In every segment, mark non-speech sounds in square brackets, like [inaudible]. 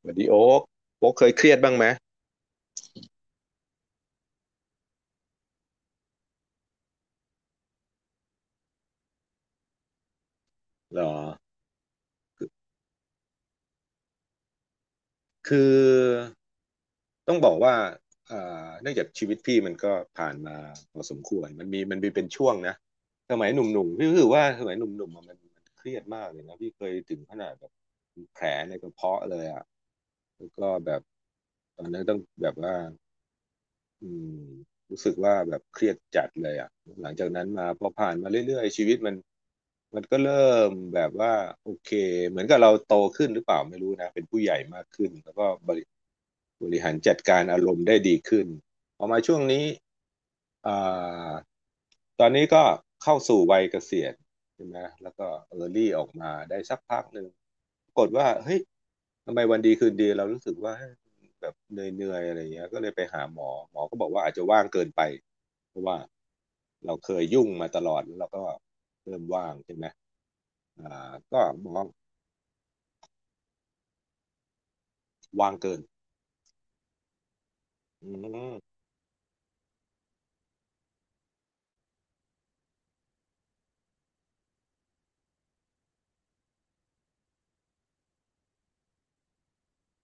สวัสดีโอ๊ก โอ๊กเคยเครียดบ้างไหมเหรอ คือต้องบอกว่าเอ่เนื่องจากชีวิตพี่มันก็ผ่านมาพอสมควรมันมีเป็นช่วงนะสมัยหนุ่มๆ พี่รู้สึกว่าสมัยหนุ่มๆอะมันเครียดมากเลยนะพี่เคยถึงขนาดแบบมีแผลในกระเพาะเลยอ่ะ แล้วก็แบบตอนนั้นต้องแบบว่า อืมรู้สึกว่าแบบเครียดจัดเลยอ่ะหลังจากนั้นมาพอผ่านมาเรื่อยๆชีวิตมันก็เริ่มแบบว่าโอเคเหมือนกับเราโตขึ้นหรือเปล่าไม่รู้นะเป็นผู้ใหญ่มากขึ้นแล้วก็บริหารจัดการอารมณ์ได้ดีขึ้นพอมาช่วงนี้อ่าตอนนี้ก็เข้าสู่วัยเกษียณใช่ไหมแล้วก็เออร์ลี่ออกมาได้สักพักหนึ่งปรากฏว่าเฮ้ย ทำไมวันดีคืนดีเรารู้สึกว่าแบบเหนื่อยๆอะไรอย่างเงี้ยก็เลยไปหาหมอหมอก็บอกว่าอาจจะว่างเกินไปเพราะว่าเราเคยยุ่งมาตลอดแล้วเราก็เริ่มว่างใช่ไหมก็หมอว่างเกินอืม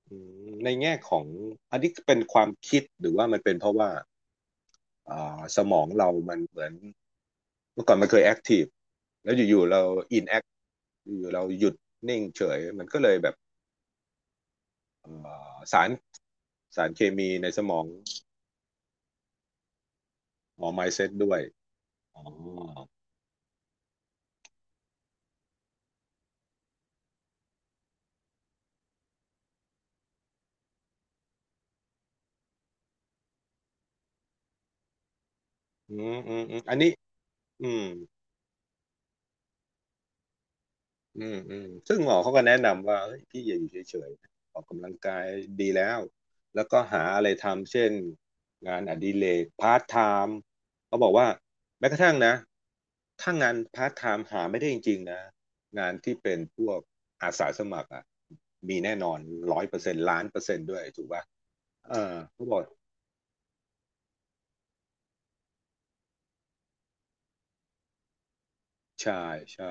อืมในแง่ของอันนี้เป็นความคิดหรือว่ามันเป็นเพราะว่าสมองเรามันเหมือนเมื่อก่อนมันเคยแอคทีฟแล้วอินแอคอยู่ๆเราหยุดนิ่งเฉยมันก็เลยแบบเอ่อสารสารเคมีในสมอง อ๋อ mindset ด้วยอ๋ออืมอืมอืมอันนี้อืมอืมอืมซึ่งหมอเขาก็แนะนำว่าเฮ้ยพี่อย่าอยู่เฉยๆออกกำลังกายดีแล้วแล้วก็หาอะไรทำเช่นงานอดิเรกพาร์ทไทม์เขาบอกว่าแม้กระทั่งนะถ้างานพาร์ทไทม์หาไม่ได้จริงๆนะงานที่เป็นพวกอาสาสมัครอ่ะมีแน่นอน100%1,000,000%ด้วยถูกป่ะเออเขาบอกใช่ใช่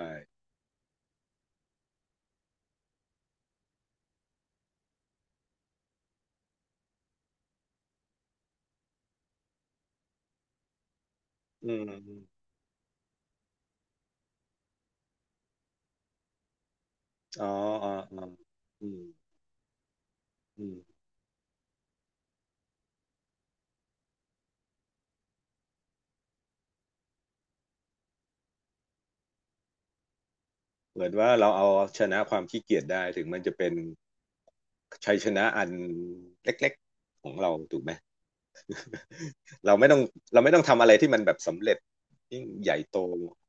อืมอ๋ออ๋ออ๋ออืม อืมเหมือนว่าเราเอาชนะความขี้เกียจได้ถึงมันจะเป็นชัยชนะอันเล็กๆของเราถูกไหมเราไม่ต้องเราไม่ต้องทำอะไรที่มันแบบสำเร็จยิ่งใหญ่โต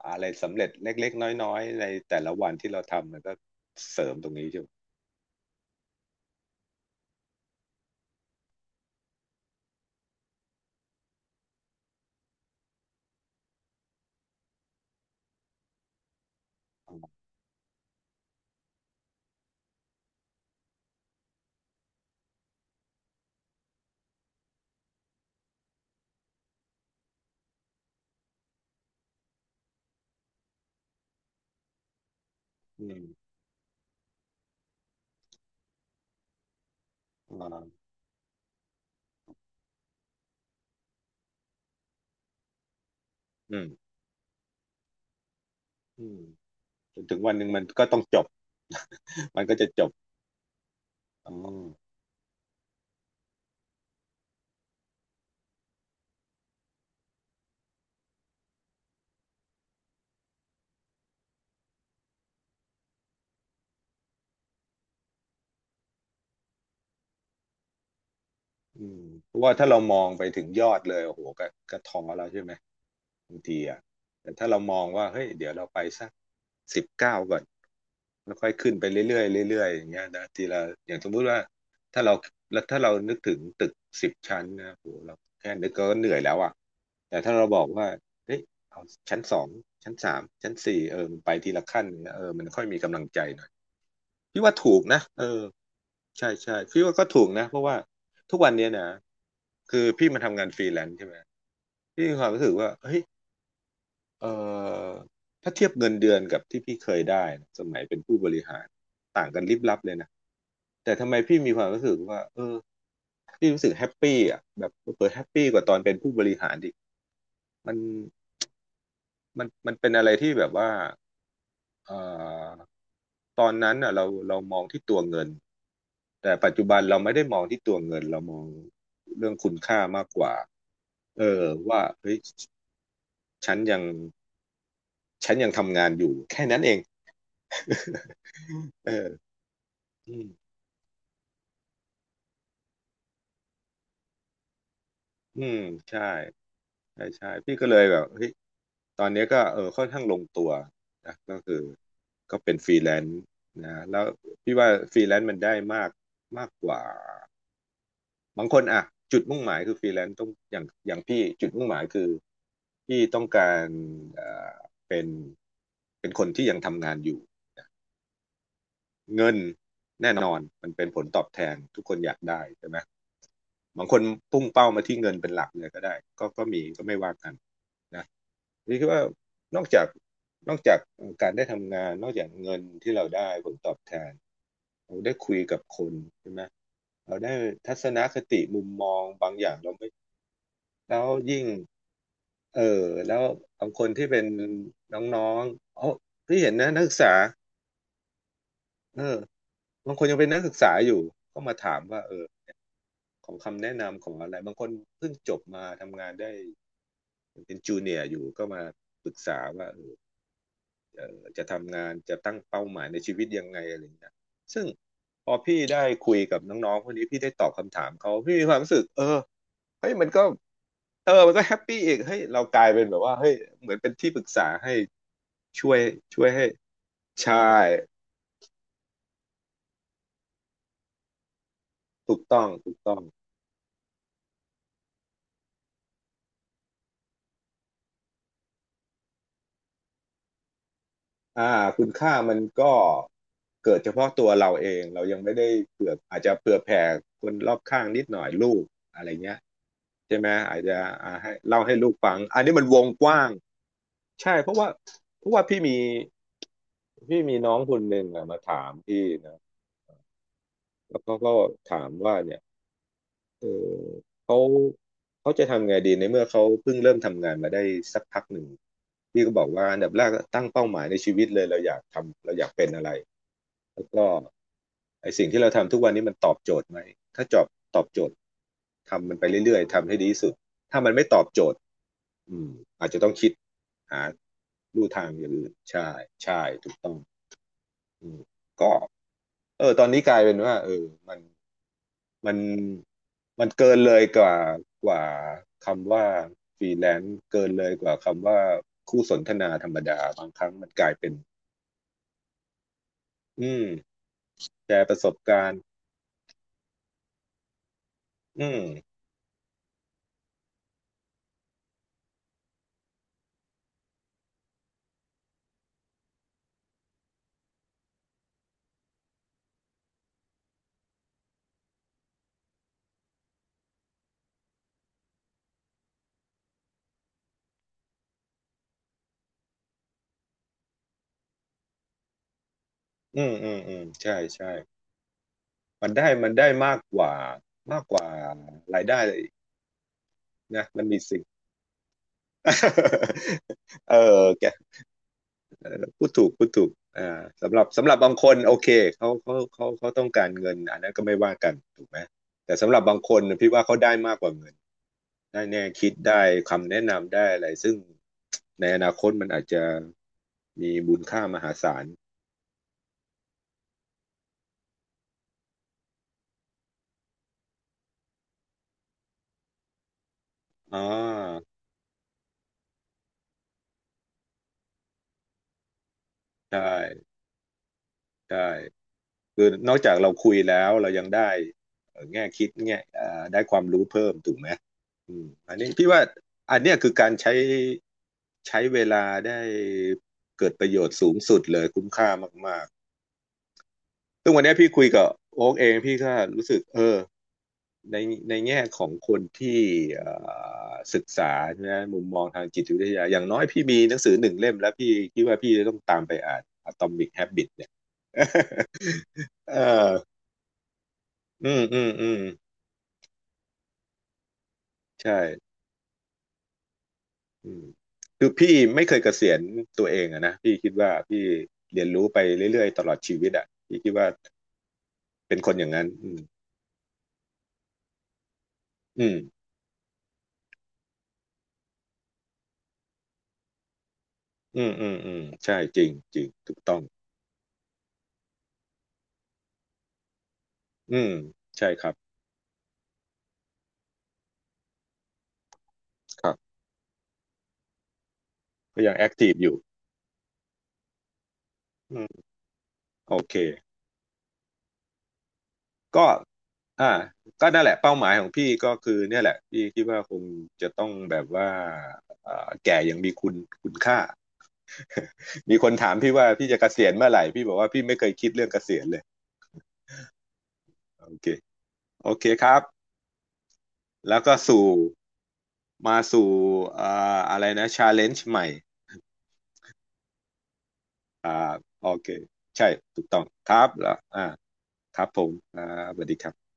อะไรสำเร็จเล็กๆน้อยๆในแต่ละวันที่เราทำมันก็เสริมตรงนี้ใช่ไหมอืมอืมอืมอืมจนถึงวันหนึ่งมันก็ต้องจบ [laughs] มันก็จะจบอ๋ออืมเพราะว่าถ้าเรามองไปถึงยอดเลยโอ้โหก็ท้อแล้วใช่ไหม บางทีอ่ะแต่ถ้าเรามองว่าเฮ้ยเดี๋ยวเราไปสัก19ก่อนแล้วค่อยขึ้นไปเรื่อยๆเรื่อยๆอย่างเงี้ยนะทีละอย่างสมมุติว่าถ้าเราแล้วถ้าเรานึกถึงตึก10 ชั้นนะโหเราแค่นึกก็เหนื่อยแล้วอ่ะแต่ถ้าเราบอกว่าเฮ้ยเอาชั้นสองชั้นสามชั้นสี่เออมันไปทีละขั้นเนี่ยเออมันค่อยมีกำลังใจหน่อยพี่ว่าถูกนะเออใช่ใช่พี่ว่าก็ถูกนะเพราะว่าทุกวันเนี้ยนะคือพี่มาทำงานฟรีแลนซ์ใช่ไหมพี่มีความรู้สึกว่าเฮ้ย เอ่อถ้าเทียบเงินเดือนกับที่พี่เคยได้นะสมัยเป็นผู้บริหารต่างกันลิบลับเลยนะแต่ทำไมพี่มีความรู้สึกว่าเออพี่รู้สึกแฮปปี้อ่ะแบบเปิดแฮปปี้กว่าตอนเป็นผู้บริหารดิมันมันเป็นอะไรที่แบบว่าเอ่อตอนนั้นอ่ะเรามองที่ตัวเงินแต่ปัจจุบันเราไม่ได้มองที่ตัวเงินเรามองเรื่องคุณค่ามากกว่าเออว่าเฮ้ยฉันยังฉันยังทำงานอยู่แค่นั้นเอง [laughs] เอออืม อืมใช่ใช่ใช่พี่ก็เลยแบบเฮ้ยตอนนี้ก็เออค่อนข้างลงตัวนะก็คือก็เป็นฟรีแลนซ์นะแล้วพี่ว่าฟรีแลนซ์มันได้มากมากกว่าบางคนอ่ะจุดมุ่งหมายคือฟรีแลนซ์ต้องอย่างพี่จุดมุ่งหมายคือพี่ต้องการเอ่อเป็นเป็นคนที่ยังทำงานอยู่ เงินแน่นอนมันเป็นผลตอบแทนทุกคนอยากได้ใช่ไหมบางคนพุ่งเป้ามาที่เงินเป็นหลักเลยก็ได้ก็มีก็ไม่ว่ากันนะนี่คือว่านอกจากนอกจากการได้ทำงานนอกจากเงินที่เราได้ผลตอบแทนเราได้คุยกับคนใช่ไหมเราได้ทัศนคติมุมมองบางอย่างเราไม่แล้วยิ่งเออแล้วบางคนที่เป็นน้องๆเออที่เห็นนะนักศึกษาเออบางคนยังเป็นนักศึกษาอยู่ก็มาถามว่าเออ ของคำแนะนำของอะไรบางคนเพิ่งจบมาทำงานได้เป็นจูเนียร์อยู่ก็มาปรึกษาว่าจะทำงานจะตั้งเป้าหมายในชีวิตยังไงอะไรอย่างเงี้ยซึ่งพอพี่ได้คุยกับน้องๆพวกนี้พี่ได้ตอบคำถามเขาพี่มีความรู้สึกเฮ้ยมันก็มันก็แฮปปี้อีกเฮ้ยเรากลายเป็นแบบว่าเฮ้ยเหมือนเป็นที่ปรึกษาให้ช่วยช่วยให้ใช่ถูกต้องถูกต้อง อ่าคุณค่ามันก็เกิดเฉพาะตัวเราเองเรายังไม่ได้เผื่ออาจจะเผื่อแผ่คนรอบข้างนิดหน่อยลูกอะไรเงี้ยใช่ไหมอาจจะอ่าให้เล่าให้ลูกฟังอันนี้มันวงกว้างใช่เพราะว่าเพราะว่าพี่มีน้องคนหนึ่งอะมาถามพี่นะแล้วเขาก็ถามว่าเนี่ยเออเขาเขาจะทำไงดีในเมื่อเขาเพิ่งเริ่มทำงานมาได้สักพักหนึ่งพี่ก็บอกว่าอันดับแรกตั้งเป้าหมายในชีวิตเลยเราอยากทำเราอยากเป็นอะไร แล้วก็ไอสิ่งที่เราทำทุกวันนี้มันตอบโจทย์ไหมถ้าจอบตอบโจทย์ทำมันไปเรื่อยๆทำให้ดีที่สุดถ้ามันไม่ตอบโจทย์อืมอาจจะต้องคิดหาลู่ทางอย่างอื่นใช่ใช่ถูกต้องอืมก็ตอนนี้กลายเป็นว่ามันมันมันเกินเลยกว่าคำว่าฟรีแลนซ์เกินเลยกว่าคำว่าคู่สนทนาธรรมดาบางครั้งมันกลายเป็นอืมแชร์ประสบการณ์อืมอืมใช่ใช่ มันได้มากกว่ากว่ารายได้นะมันมีสิ่ง [laughs] เออแกพูดถูกพูดถูกอ่าสำหรับบางคนโอเคเขาต้องการเงินอันนั้นก็ไม่ว่ากันถูกไหมแต่สำหรับบางคนน่ะพี่ว่าเขาได้มากกว่าเงินได้แนวคิดได้คำแนะนำได้อะไรซึ่งในอนาคตมันอาจจะมีมูลค่ามหาศาลอ่าได้ได้ คือนอกจากเราคุยแล้วเรายังได้แง่คิดแง่ได้ความรู้เพิ่มถูกไหมอืมอันนี้พี่ว่าอันเนี้ยคือการใช้ใช้เวลาได้เกิดประโยชน์สูงสุดเลยคุ้มค่ามากๆซึ่งวันนี้พี่คุยกับโอ๊กเองพี่ก็รู้สึกในในแง่ของคนที่เอ่ศึกษานะมุมมองทางจิตวิทยาอย่างน้อยพี่มีหนังสือหนึ่งเล่มแล้วพี่คิดว่าพี่จะต้องตามไปอ่าน Atomic Habit เนี่ย [laughs] เอออืม ใช่อืมคือพี่ไม่เคยเกษียณตัวเองอะนะพี่คิดว่าพี่เรียนรู้ไปเรื่อยๆตลอดชีวิตอะพี่คิดว่าเป็นคนอย่างนั้นอืมอืมใช่จริงจริงถูกต้องอืมใช่ครับครับก็ยังแอคทีฟอยู่อืมโอเคก็อ่าก็นั่นแหละเป้าหมายของพี่ก็คือเนี่ยแหละพี่คิดว่าคงจะต้องแบบว่าเอ่าแก่ยังมีคุณคุณค่า [laughs] มีคนถามพี่ว่าพี่จะเกษียณเมื่อไหร่พี่บอกว่าพี่ไม่เคยคิดเรื่องเกษียณเลยโอเคโอเคครับ แล้วก็สู่มาสู่อ่าอะไรนะชาเลนจ์ใหม่อ่าโอเคใช่ถูกต้องครับแล้วอ่าครับผมอ่าสวัสดีครับ